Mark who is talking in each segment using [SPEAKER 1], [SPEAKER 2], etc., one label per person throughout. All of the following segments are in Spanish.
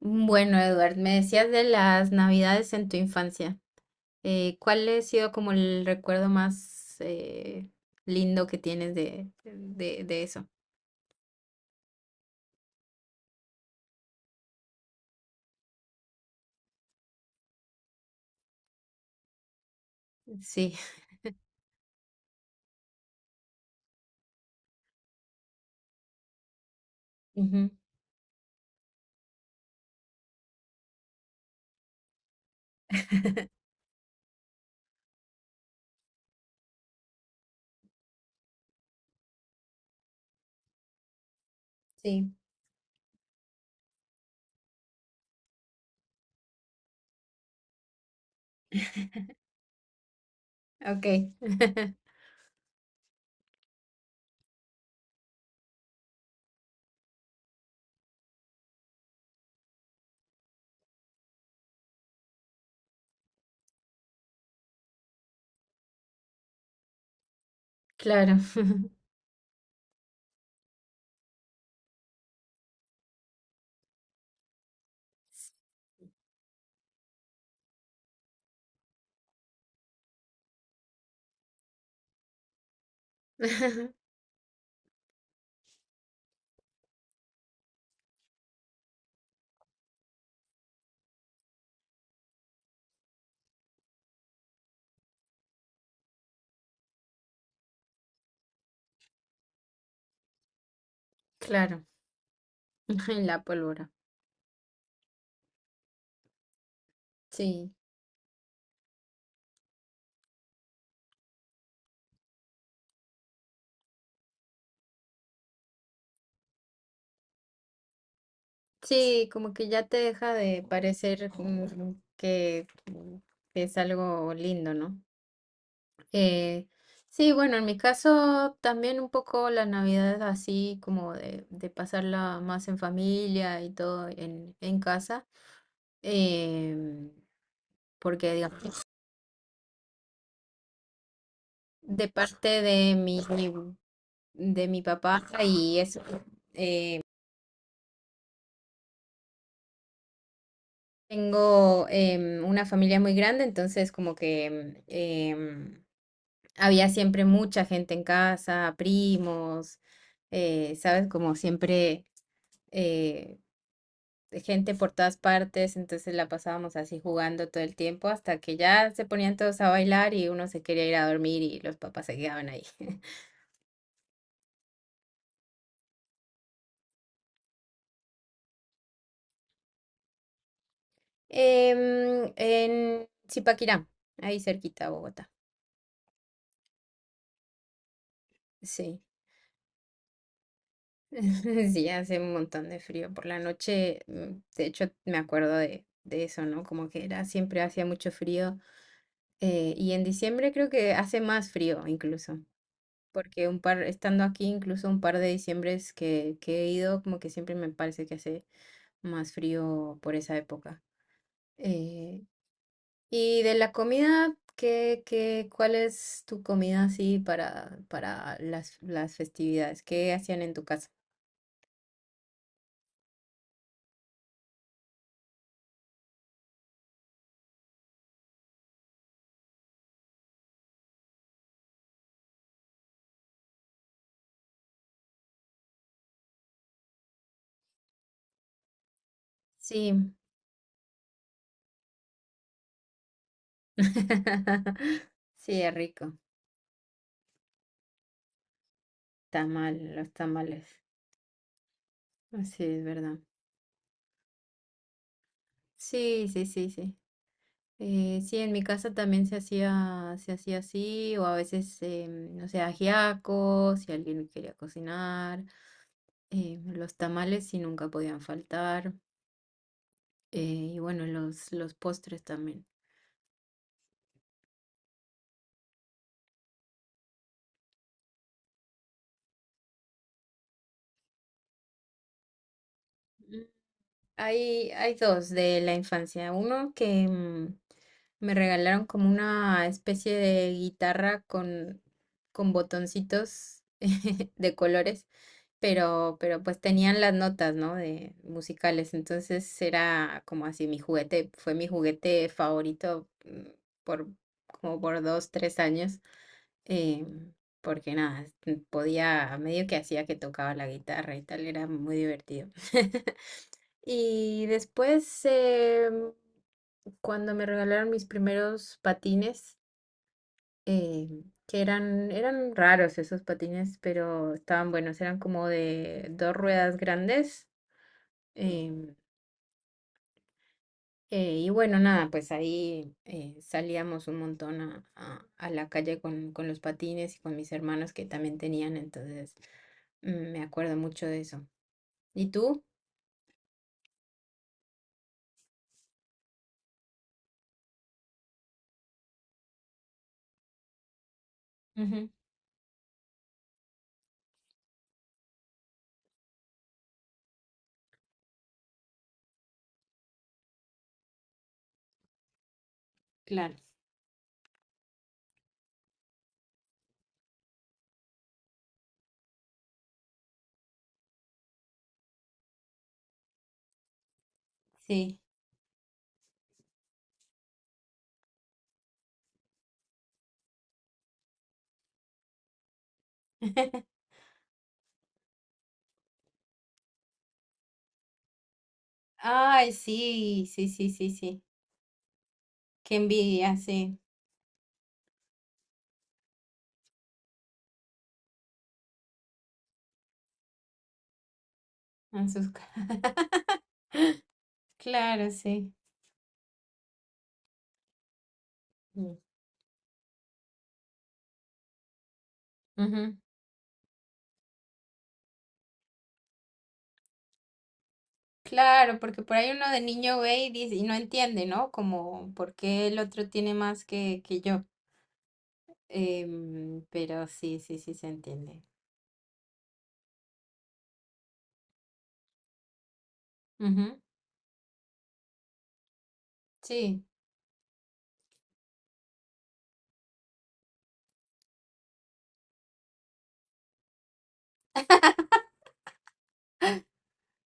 [SPEAKER 1] Bueno, Edward, me decías de las navidades en tu infancia. ¿Cuál ha sido como el recuerdo más lindo que tienes de eso? Sí. Ujú, sí, ok. Claro. Claro. La pólvora. Sí. Sí, como que ya te deja de parecer como que, que es algo lindo, ¿no? Eh, sí, bueno, en mi caso también un poco la Navidad es así como de pasarla más en familia y todo en casa, em, porque digamos, de parte de mi, de mi papá y eso, eh, tengo una familia muy grande, entonces como que había siempre mucha gente en casa, primos, ¿sabes? Como siempre... eh, gente por todas partes, entonces la pasábamos así jugando todo el tiempo hasta que ya se ponían todos a bailar y uno se quería ir a dormir y los papás se quedaban ahí. Em, en Zipaquirá, ahí cerquita a Bogotá. Sí. Sí, hace un montón de frío por la noche. De hecho, me acuerdo de eso, ¿no? Como que era siempre hacía mucho frío. Y en diciembre creo que hace más frío incluso. Porque un par, estando aquí, incluso un par de diciembres que he ido, como que siempre me parece que hace más frío por esa época. Eh, y de la comida, ¿cuál es tu comida así para las festividades? ¿Qué hacían en tu casa? Sí, sí, es rico. Tamal, los tamales. Así es verdad. Sí, sí, sí, sí. Sí, en mi casa también se hacía así, o a veces, no sé, ajiaco, si alguien quería cocinar, los tamales sí nunca podían faltar, eh, y bueno, los postres también. Mm, hay dos de la infancia, uno que me regalaron como una especie de guitarra con botoncitos de colores. Pero pues tenían las notas, ¿no? De musicales, entonces era como así mi juguete, fue mi juguete favorito por como por dos, tres años, eh, porque nada, podía, medio que hacía que tocaba la guitarra y tal, era muy divertido. Y después, cuando me regalaron mis primeros patines, que eran, eran raros esos patines, pero estaban buenos, eran como de dos ruedas grandes. em, y bueno, nada, pues ahí salíamos un montón a la calle con los patines y con mis hermanos que también tenían, entonces me acuerdo mucho de eso. ¿Y tú? Ujú, claro. Sí. Ay, sí, sí, sí, sí, sí. Qué envidia, sí. En sus... ca- Claro, sí. Mm. Ujú. Claro, porque por ahí uno de niño ve y dice, y no entiende, ¿no? Como por qué el otro tiene más que yo. Pero sí, sí, sí se entiende. Ujú, sí.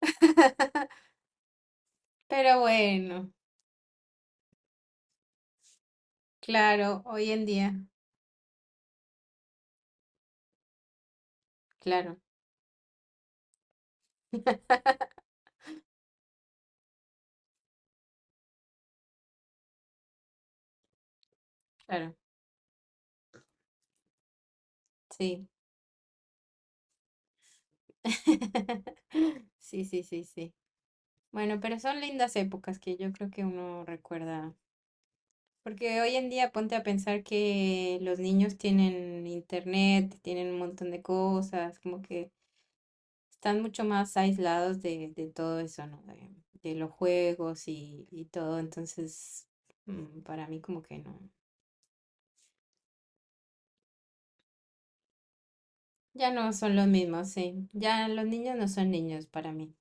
[SPEAKER 1] Pero bueno, claro, hoy en día, claro, claro, sí. Sí, sí, sí, sí. Bueno, pero son lindas épocas que yo creo que uno recuerda. Porque hoy en día ponte a pensar que los niños tienen internet, tienen un montón de cosas, como que están mucho más aislados de todo eso, ¿no? De los juegos y todo. Entonces, para mí como que no. Ya no son los mismos, sí. Ya los niños no son niños para mí.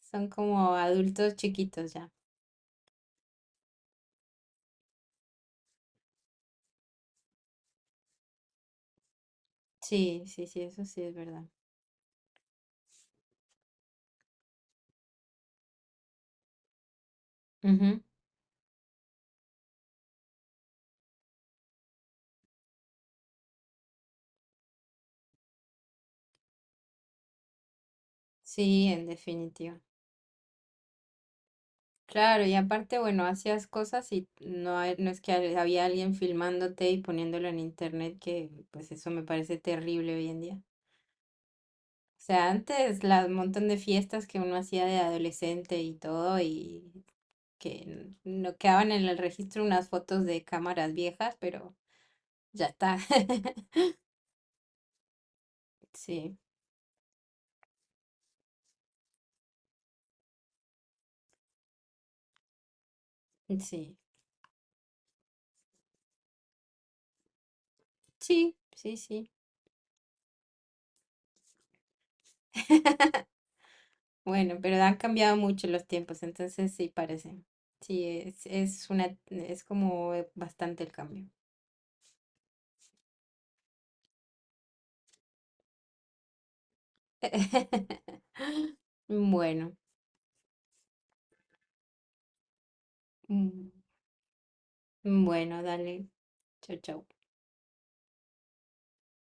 [SPEAKER 1] Son como adultos chiquitos ya. Sí, sí, sí, eso sí es verdad. Ujú. Sí, en definitiva. Claro, y aparte, bueno, hacías cosas y no, no es que había alguien filmándote y poniéndolo en internet, que pues eso me parece terrible hoy en día. O sea, antes la montón de fiestas que uno hacía de adolescente y todo, y que no quedaban en el registro unas fotos de cámaras viejas, pero ya está. Sí, sí, sí, sí, sí. Bueno, pero han cambiado mucho los tiempos, entonces sí parece. Sí, es una, es como bastante el cambio. Bueno, mm, bueno, dale. Chao, chao.